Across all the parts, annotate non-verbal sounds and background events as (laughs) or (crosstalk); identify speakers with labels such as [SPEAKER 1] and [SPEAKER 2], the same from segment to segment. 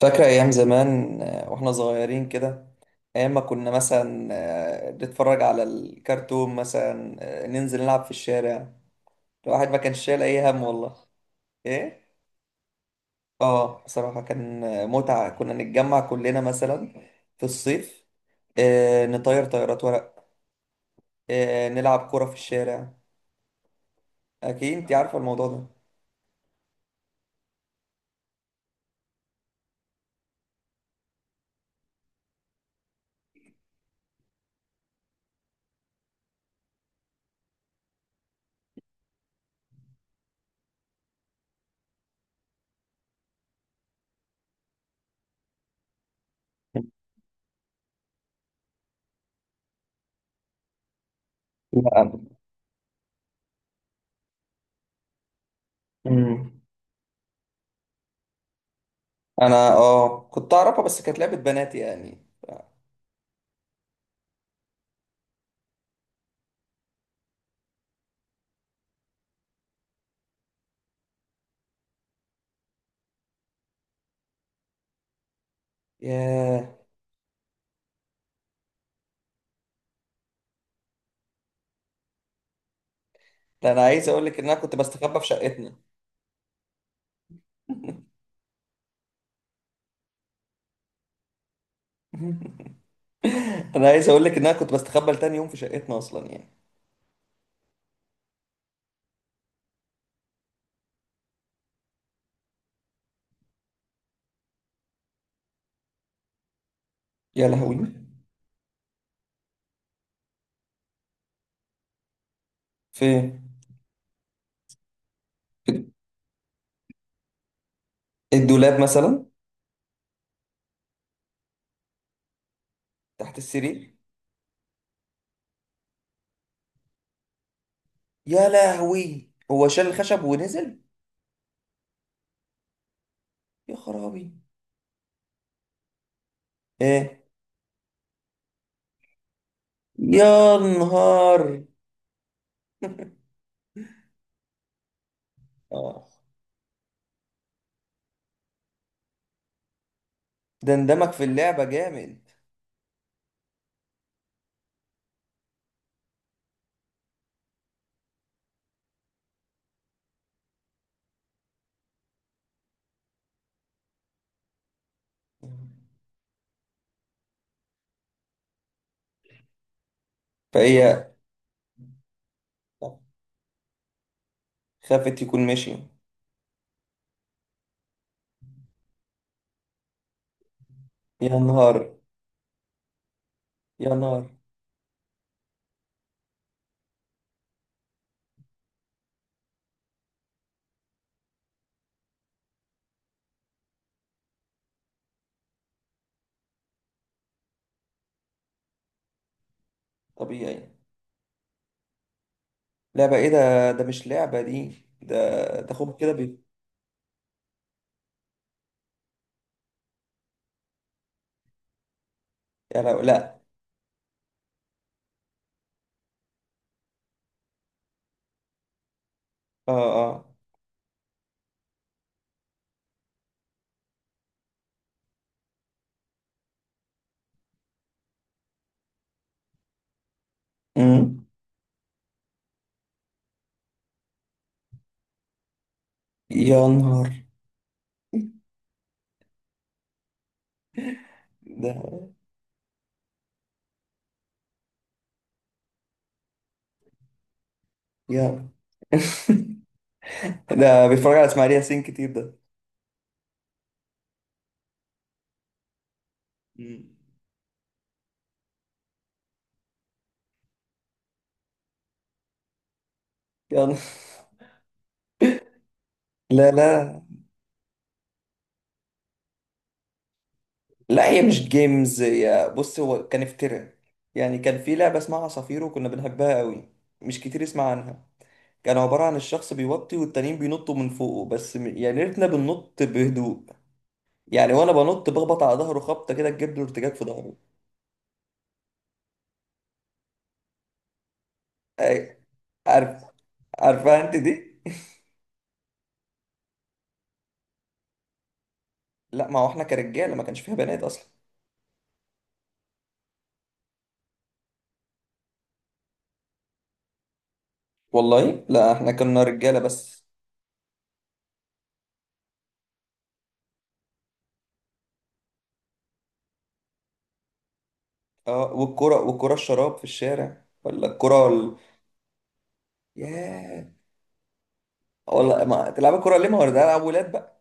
[SPEAKER 1] فاكرة أيام زمان وإحنا صغيرين كده. أيام ما كنا مثلا نتفرج على الكرتون مثلا، ننزل نلعب في الشارع. الواحد ما كانش شايل أي هم والله. إيه؟ آه، بصراحة كان متعة. كنا نتجمع كلنا مثلا في الصيف، نطير طيارات ورق، نلعب كرة في الشارع. أكيد أنت عارفة الموضوع ده. (laughs) لا. أمم. أنا كنت أعرفها، بس كانت لعبة بنات يعني. ياه. ده انا عايز اقول لك ان انا كنت بستخبى في شقتنا. (laughs) انا عايز اقول لك ان انا كنت بستخبى لتاني يوم في شقتنا اصلا يعني. يا لهوي. فين؟ في الدولاب مثلا؟ تحت السرير. يا لهوي، هو شال الخشب ونزل. يا خرابي. ايه؟ يا نهار. آه. ده اندمج في اللعبة جامد. فهي خافت يكون ماشي. يا نهار. يا نهار. طبيعي. لعبة ايه ده؟ ده مش لعبة دي ده. ده خب كده يا لهوي. لا. اه اه. امم. يا نهار ده. يا (laughs) ده بيتفرج على اسماعيل ياسين كتير ده. مم. يا نهار. لا لا لا، هي مش جيمز، يا بص، هو كان افتراء يعني. كان في لعبة اسمها عصافير وكنا بنحبها قوي. مش كتير يسمع عنها. كان عبارة عن الشخص بيوطي والتانيين بينطوا من فوقه بس يعني ريتنا بننط بهدوء يعني. وانا بنط بخبط على ظهره خبطة كده تجيب له ارتجاج في ظهره. أي- عارف. عارفها انت دي؟ (laughs) لا، ما هو احنا كرجاله ما كانش فيها بنات اصلا. والله لا، احنا كنا رجاله بس. اه. والكره، والكره الشراب في الشارع، ولا الكره ياه. والله ما تلعب الكره ليه؟ ما هو ده العب ولاد بقى.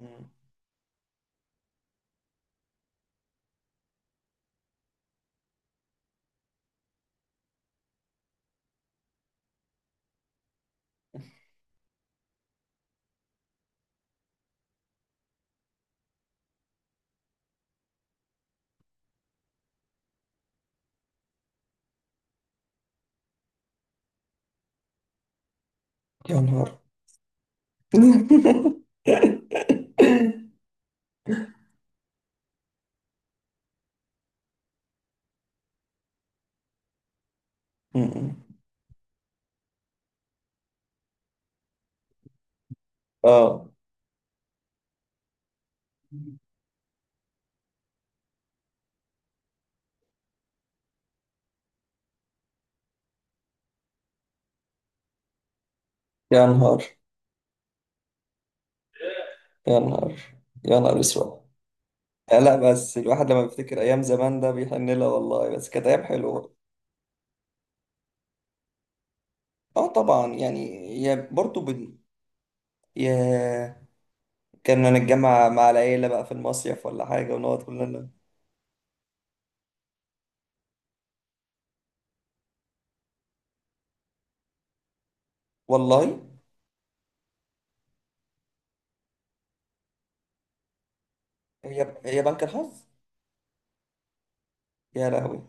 [SPEAKER 1] مم. يا نهار. (laughs) مم. اه. يا نهار. يا نهار. يا نهار اسود. آه، لا بس الواحد لما بيفتكر ايام زمان ده بيحن لها والله، بس كانت ايام حلوه. اه طبعا يعني. يا برضو يا. كنا نتجمع مع العيله بقى في المصيف ولا حاجه، ونقعد كلنا. والله. هي هي بنك الحظ. يا لهوي.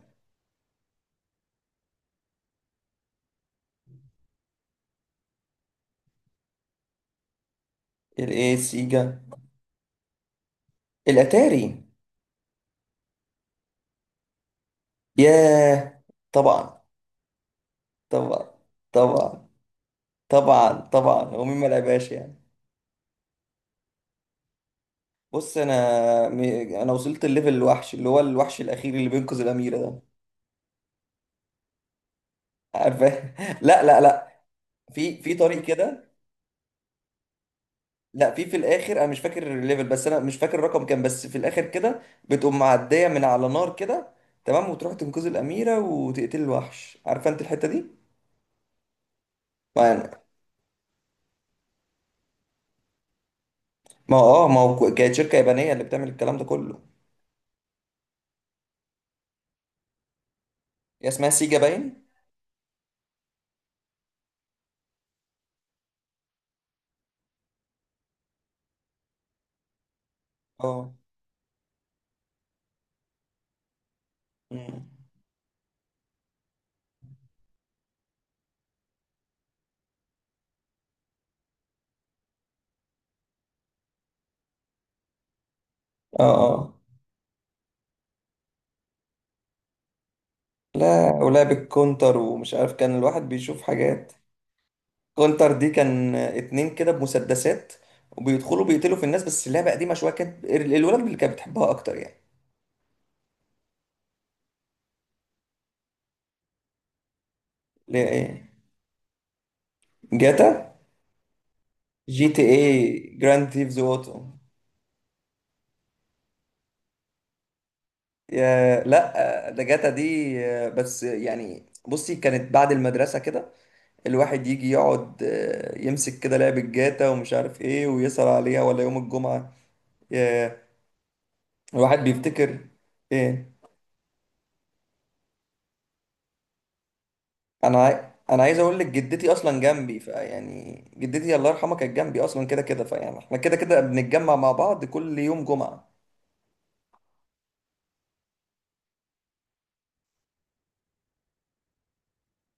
[SPEAKER 1] الايه، سيجا؟ الاتاري. ياه. طبعا طبعا طبعا طبعا طبعا، هو مين ما لعبهاش يعني؟ بص م... انا وصلت الليفل الوحش، اللي هو الوحش الاخير اللي بينقذ الاميره ده. عارفه. (laughs) لا لا لا، في طريق كده. لا، في الاخر، انا مش فاكر الليفل، بس انا مش فاكر الرقم كام، بس في الاخر كده بتقوم معديه من على نار كده، تمام، وتروح تنقذ الاميره وتقتل الوحش. عارفه انت الحته دي؟ ما ما هو كانت شركة يابانية اللي بتعمل الكلام ده كله. هي اسمها سيجا باين. اه. مم. اه اه، لا، ولعب الكونتر ومش عارف، كان الواحد بيشوف حاجات. كونتر دي كان اتنين كده بمسدسات، وبيدخلوا بيقتلوا في الناس، بس اللعبة قديمة شوية، كانت الولاد اللي كانت بتحبها أكتر يعني. ليه؟ ايه؟ جاتا. جي تي اي، جراند ثيفز اوتو. يا لا، ده جاتا دي، بس يعني بصي، كانت بعد المدرسة كده الواحد يجي يقعد، يمسك كده لعبة جاتا ومش عارف ايه ويسهر عليها، ولا يوم الجمعة. ياه. الواحد بيفتكر. ايه؟ انا عايز اقول لك، جدتي اصلا جنبي، فيعني جدتي الله يرحمها كانت جنبي اصلا كده كده، فيعني احنا كده كده بنتجمع مع بعض كل يوم جمعة.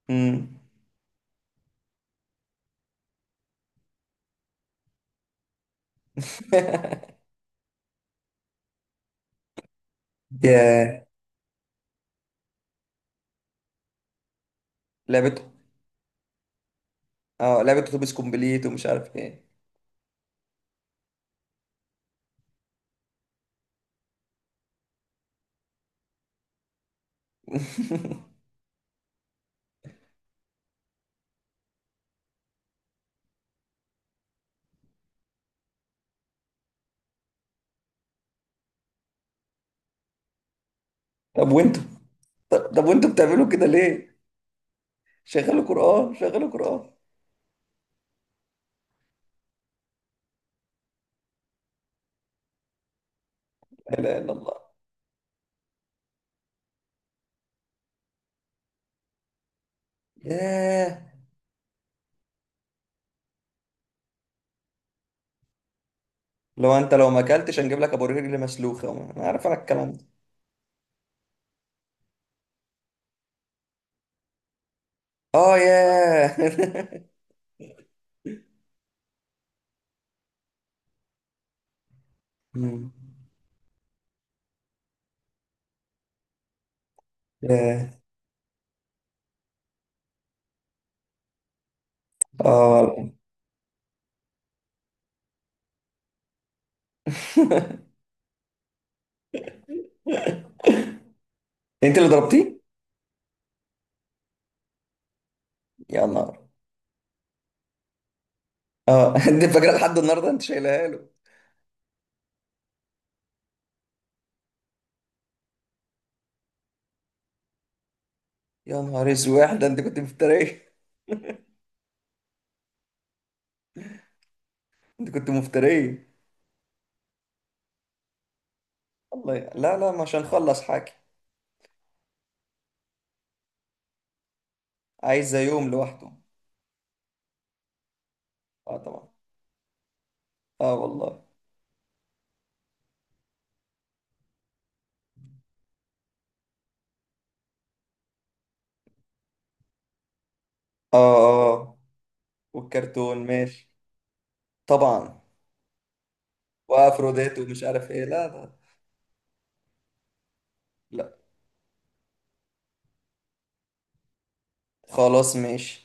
[SPEAKER 1] امم. (laughs) ياه. لعبة اه لعبة اتوبيس كومبليت ومش عارف ايه. (laughs) طب وانتوا طب، وانتوا بتعملوا كده ليه؟ شغلوا قرآن، شغلوا قرآن. لا اله الا الله. ياه. لو ما اكلتش هنجيب لك ابو رجل مسلوخه. انا عارف انا الكلام ده. اه ياه. (laughs) مم. ياه. اه والله. انت اللي ضربتيه؟ يا نهار. اه. (laughs) انت فاكره لحد النهارده، انت شايلها له. يا نهار اسود، ده انت كنت مفتريه. (laughs) انت كنت مفتريه. لا لا، مش هنخلص حاجه. عايزه يوم لوحده. اه طبعا. اه والله. اه اه. والكرتون ماشي. طبعا. وافروديت ومش عارف ايه. لا لا لا. خلاص، ماشي.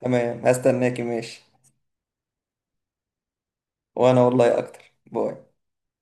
[SPEAKER 1] تمام، هستناكي. ماشي. وانا والله اكتر. باي.